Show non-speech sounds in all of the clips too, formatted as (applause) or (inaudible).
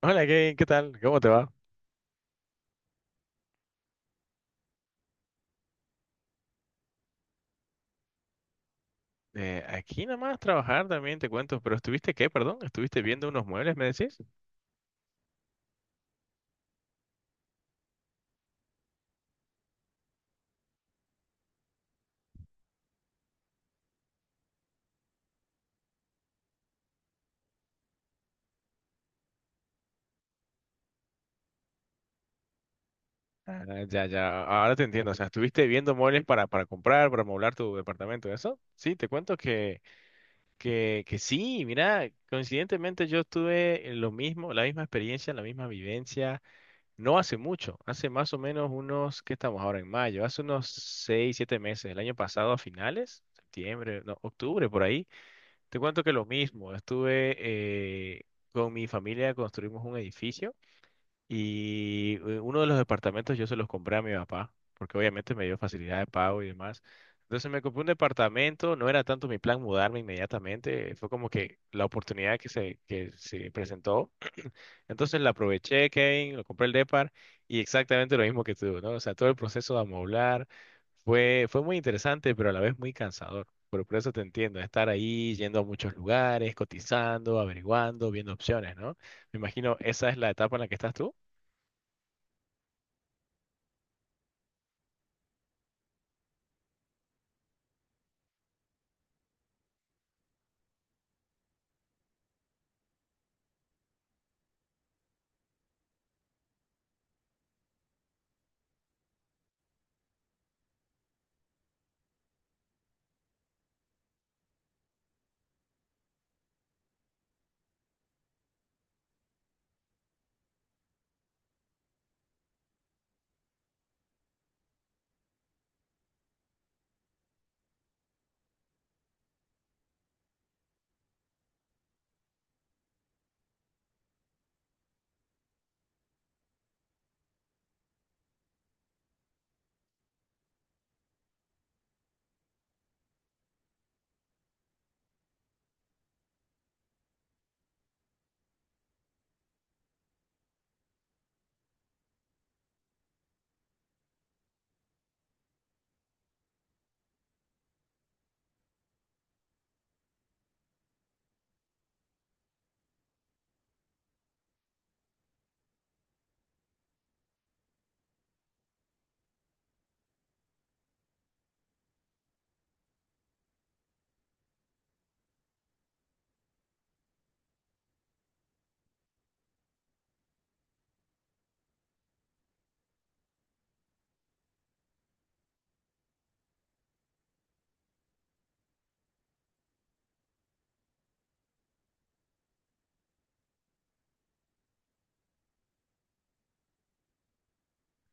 Hola Kevin, ¿qué tal? ¿Cómo te va? Aquí nomás trabajar también te cuento, pero ¿estuviste qué, perdón? ¿Estuviste viendo unos muebles, me decís? Ah, ya, ya, ahora te entiendo, o sea, ¿estuviste viendo muebles para comprar, para amoblar tu departamento, eso? Sí, te cuento que, que sí, mira, coincidentemente yo tuve lo mismo, la misma experiencia, la misma vivencia, no hace mucho, hace más o menos unos, ¿qué estamos ahora en mayo? Hace unos seis, siete meses, el año pasado a finales, septiembre, no, octubre, por ahí. Te cuento que lo mismo, estuve con mi familia, construimos un edificio y uno de los departamentos yo se los compré a mi papá, porque obviamente me dio facilidad de pago y demás. Entonces me compré un departamento, no era tanto mi plan mudarme inmediatamente, fue como que la oportunidad que se presentó. Entonces la aproveché, Kevin, lo compré el Depar y exactamente lo mismo que tú, ¿no? O sea, todo el proceso de amoblar fue muy interesante, pero a la vez muy cansador. Por eso te entiendo, estar ahí, yendo a muchos lugares, cotizando, averiguando, viendo opciones, ¿no? Me imagino esa es la etapa en la que estás tú.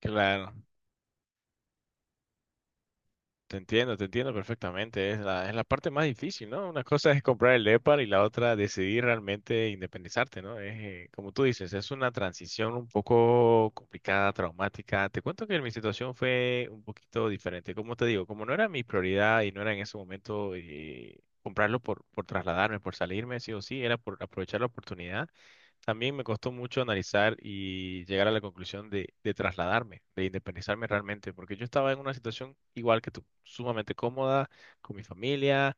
Claro. Te entiendo perfectamente. Es la parte más difícil, ¿no? Una cosa es comprar el EPAR y la otra decidir realmente independizarte, ¿no? Como tú dices, es una transición un poco complicada, traumática. Te cuento que mi situación fue un poquito diferente. Como te digo, como no era mi prioridad y no era en ese momento comprarlo por trasladarme, por salirme, sí o sí, era por aprovechar la oportunidad. También me costó mucho analizar y llegar a la conclusión de trasladarme, de independizarme realmente, porque yo estaba en una situación igual que tú, sumamente cómoda, con mi familia,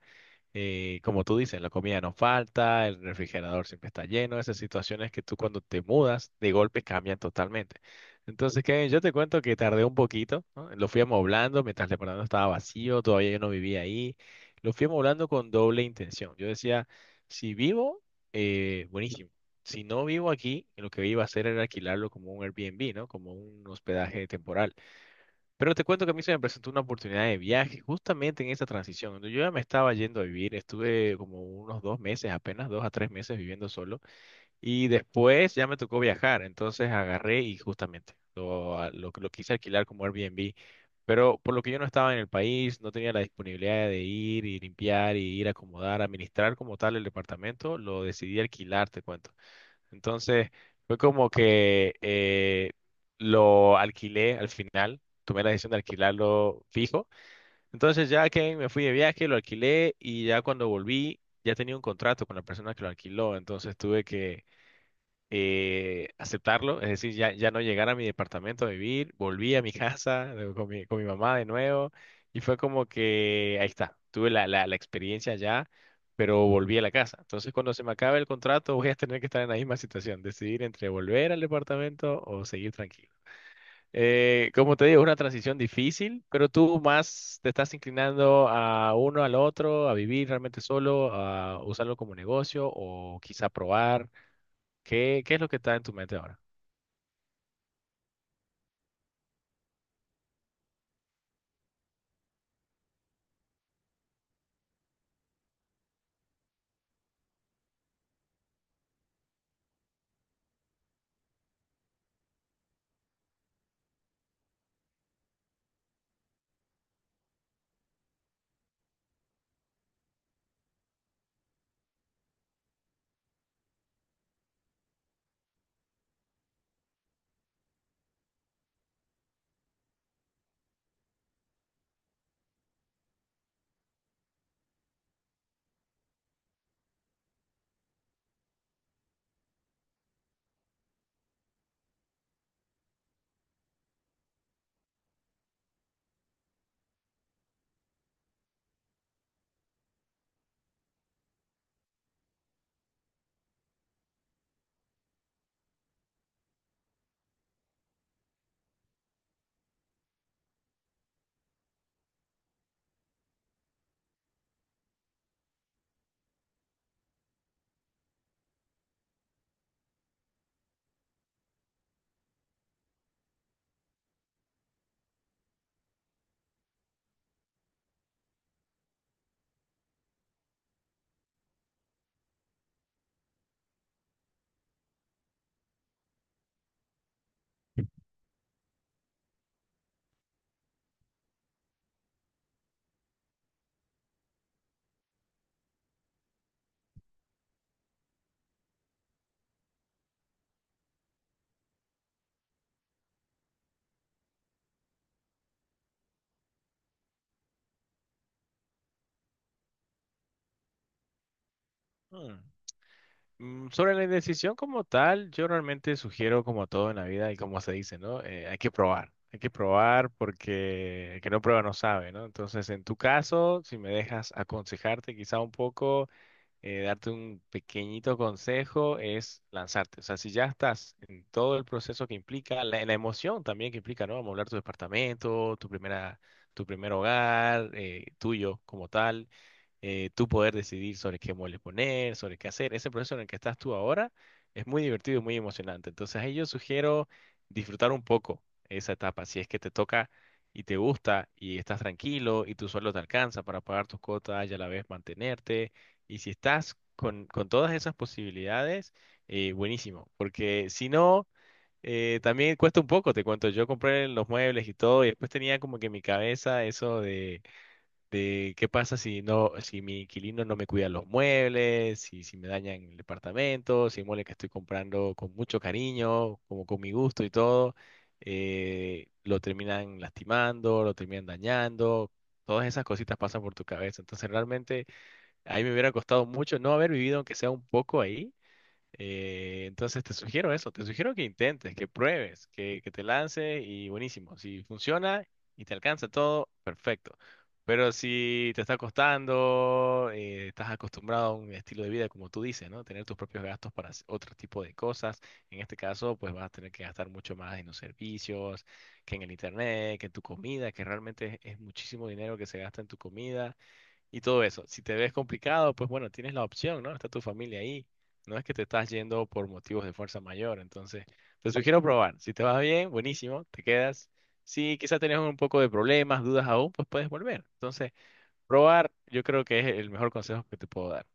como tú dices, la comida no falta, el refrigerador siempre está lleno, esas situaciones que tú cuando te mudas de golpe cambian totalmente. Entonces, Kevin, yo te cuento que tardé un poquito, ¿no? Lo fui amoblando mientras el departamento estaba vacío, todavía yo no vivía ahí. Lo fui amoblando con doble intención. Yo decía, si vivo, buenísimo. Si no vivo aquí, lo que iba a hacer era alquilarlo como un Airbnb, ¿no? Como un hospedaje temporal. Pero te cuento que a mí se me presentó una oportunidad de viaje justamente en esa transición. Cuando yo ya me estaba yendo a vivir, estuve como unos dos meses, apenas dos a tres meses viviendo solo y después ya me tocó viajar, entonces agarré y justamente lo quise alquilar como Airbnb, pero por lo que yo no estaba en el país, no tenía la disponibilidad de ir y limpiar y ir a acomodar, administrar como tal el departamento, lo decidí alquilar, te cuento. Entonces, fue como que lo alquilé al final, tomé la decisión de alquilarlo fijo. Entonces, ya que me fui de viaje, lo alquilé y ya cuando volví, ya tenía un contrato con la persona que lo alquiló. Entonces, tuve que aceptarlo, es decir, ya, ya no llegar a mi departamento a vivir, volví a mi casa con mi mamá de nuevo y fue como que ahí está, tuve la experiencia ya, pero volví a la casa. Entonces, cuando se me acabe el contrato, voy a tener que estar en la misma situación, decidir entre volver al departamento o seguir tranquilo. Como te digo, es una transición difícil, pero tú más te estás inclinando a uno al otro, a vivir realmente solo, a usarlo como negocio o quizá probar. ¿Qué es lo que está en tu mente ahora? Hmm. Sobre la indecisión como tal, yo realmente sugiero como todo en la vida y como se dice, ¿no? Hay que probar, hay que probar porque el que no prueba no sabe, ¿no? Entonces, en tu caso, si me dejas aconsejarte quizá un poco, darte un pequeñito consejo, es lanzarte. O sea, si ya estás en todo el proceso que implica, la emoción también que implica, ¿no? Amoblar tu departamento, tu primer hogar, tuyo como tal, tú poder decidir sobre qué muebles poner, sobre qué hacer. Ese proceso en el que estás tú ahora es muy divertido y muy emocionante. Entonces, ahí yo sugiero disfrutar un poco esa etapa. Si es que te toca y te gusta y estás tranquilo y tu sueldo te alcanza para pagar tus cuotas y a la vez mantenerte. Y si estás con todas esas posibilidades, buenísimo. Porque si no, también cuesta un poco, te cuento, yo compré los muebles y todo y después tenía como que en mi cabeza eso de qué pasa si no, si mi inquilino no me cuida los muebles, si me dañan el departamento, si hay muebles que estoy comprando con mucho cariño, como con mi gusto y todo, lo terminan lastimando, lo terminan dañando. Todas esas cositas pasan por tu cabeza. Entonces, realmente, a mí me hubiera costado mucho no haber vivido, aunque sea un poco ahí, entonces te sugiero eso, te sugiero que intentes, que pruebes, que te lance y buenísimo. Si funciona y te alcanza todo, perfecto. Pero si te está costando, estás acostumbrado a un estilo de vida, como tú dices, ¿no? Tener tus propios gastos para hacer otro tipo de cosas. En este caso, pues vas a tener que gastar mucho más en los servicios, que en el internet, que en tu comida, que realmente es muchísimo dinero que se gasta en tu comida y todo eso. Si te ves complicado, pues bueno, tienes la opción, ¿no? Está tu familia ahí. No es que te estás yendo por motivos de fuerza mayor. Entonces, te sugiero probar. Si te va bien, buenísimo, te quedas. Si quizás tenés un poco de problemas, dudas aún, pues puedes volver. Entonces, probar yo creo que es el mejor consejo que te puedo dar.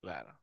Claro.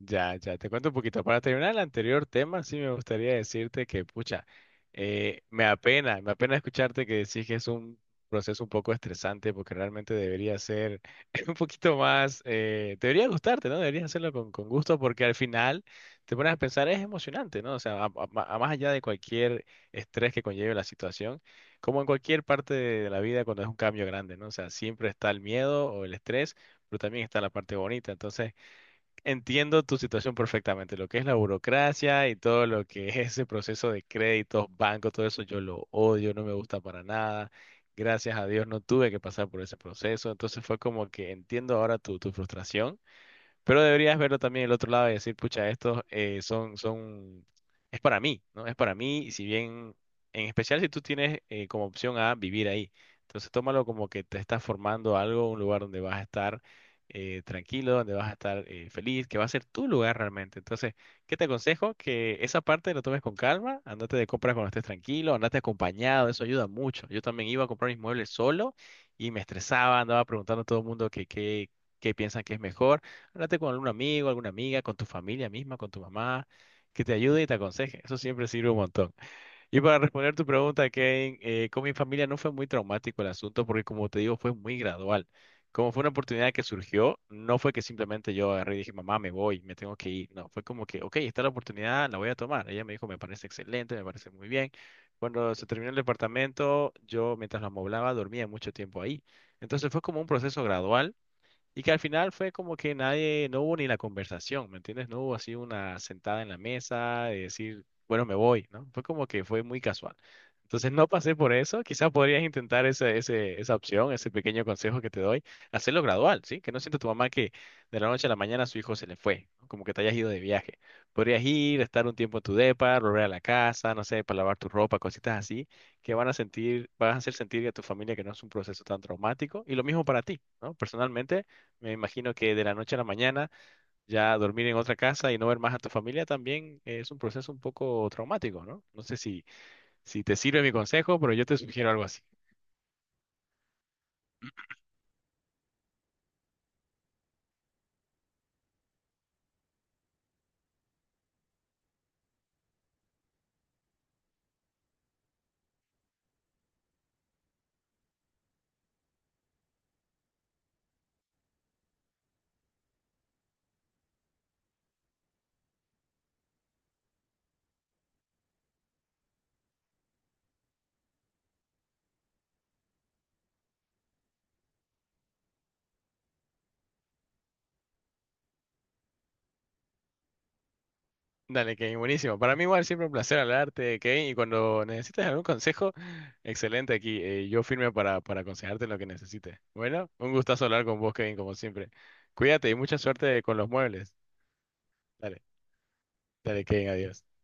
Ya, ya, te cuento un poquito. Para terminar el anterior tema, sí me gustaría decirte que, pucha, me apena escucharte que decís que es un proceso un poco estresante porque realmente debería ser (laughs) un poquito más, debería gustarte, ¿no? Deberías hacerlo con gusto porque al final te pones a pensar, es emocionante, ¿no? O sea, a más allá de cualquier estrés que conlleve la situación, como en cualquier parte de la vida cuando es un cambio grande, ¿no? O sea, siempre está el miedo o el estrés, pero también está la parte bonita. Entonces, entiendo tu situación perfectamente, lo que es la burocracia y todo lo que es ese proceso de créditos, bancos, todo eso yo lo odio, no me gusta para nada. Gracias a Dios no tuve que pasar por ese proceso, entonces fue como que entiendo ahora tu frustración. Pero deberías verlo también el otro lado y decir, pucha, es para mí, ¿no? Es para mí, y si bien, en especial si tú tienes como opción a vivir ahí. Entonces tómalo como que te estás formando algo, un lugar donde vas a estar tranquilo, donde vas a estar feliz, que va a ser tu lugar realmente. Entonces, ¿qué te aconsejo? Que esa parte lo tomes con calma, andate de compras cuando estés tranquilo, andate acompañado, eso ayuda mucho. Yo también iba a comprar mis muebles solo y me estresaba, andaba preguntando a todo el mundo que qué, qué piensan que es mejor. Háblate con algún amigo, alguna amiga, con tu familia misma, con tu mamá, que te ayude y te aconseje. Eso siempre sirve un montón. Y para responder tu pregunta, Kevin, con mi familia no fue muy traumático el asunto porque, como te digo, fue muy gradual. Como fue una oportunidad que surgió, no fue que simplemente yo agarré y dije, mamá, me voy, me tengo que ir. No, fue como que, ok, está la oportunidad, la voy a tomar. Ella me dijo, me parece excelente, me parece muy bien. Cuando se terminó el departamento, yo mientras lo amoblaba, dormía mucho tiempo ahí. Entonces fue como un proceso gradual y que al final fue como que nadie, no hubo ni la conversación, ¿me entiendes? No hubo así una sentada en la mesa de decir, bueno, me voy, ¿no? Fue como que fue muy casual. Entonces no pasé por eso. Quizás podrías intentar esa opción, ese pequeño consejo que te doy, hacerlo gradual, ¿sí? Que no sienta tu mamá que de la noche a la mañana su hijo se le fue, ¿no? Como que te hayas ido de viaje. Podrías ir, estar un tiempo en tu depa, volver a la casa, no sé, para lavar tu ropa, cositas así, que van a sentir, van a hacer sentir a tu familia que no es un proceso tan traumático. Y lo mismo para ti, ¿no? Personalmente. Me imagino que de la noche a la mañana ya dormir en otra casa y no ver más a tu familia también es un proceso un poco traumático, ¿no? No sé si te sirve mi consejo, pero yo te sugiero algo así. Dale, Kevin, buenísimo. Para mí igual siempre un placer hablarte, Kevin, y cuando necesites algún consejo, excelente aquí. Yo firme para aconsejarte en lo que necesites. Bueno, un gustazo hablar con vos, Kevin, como siempre. Cuídate y mucha suerte con los muebles. Dale, dale, Kevin, adiós.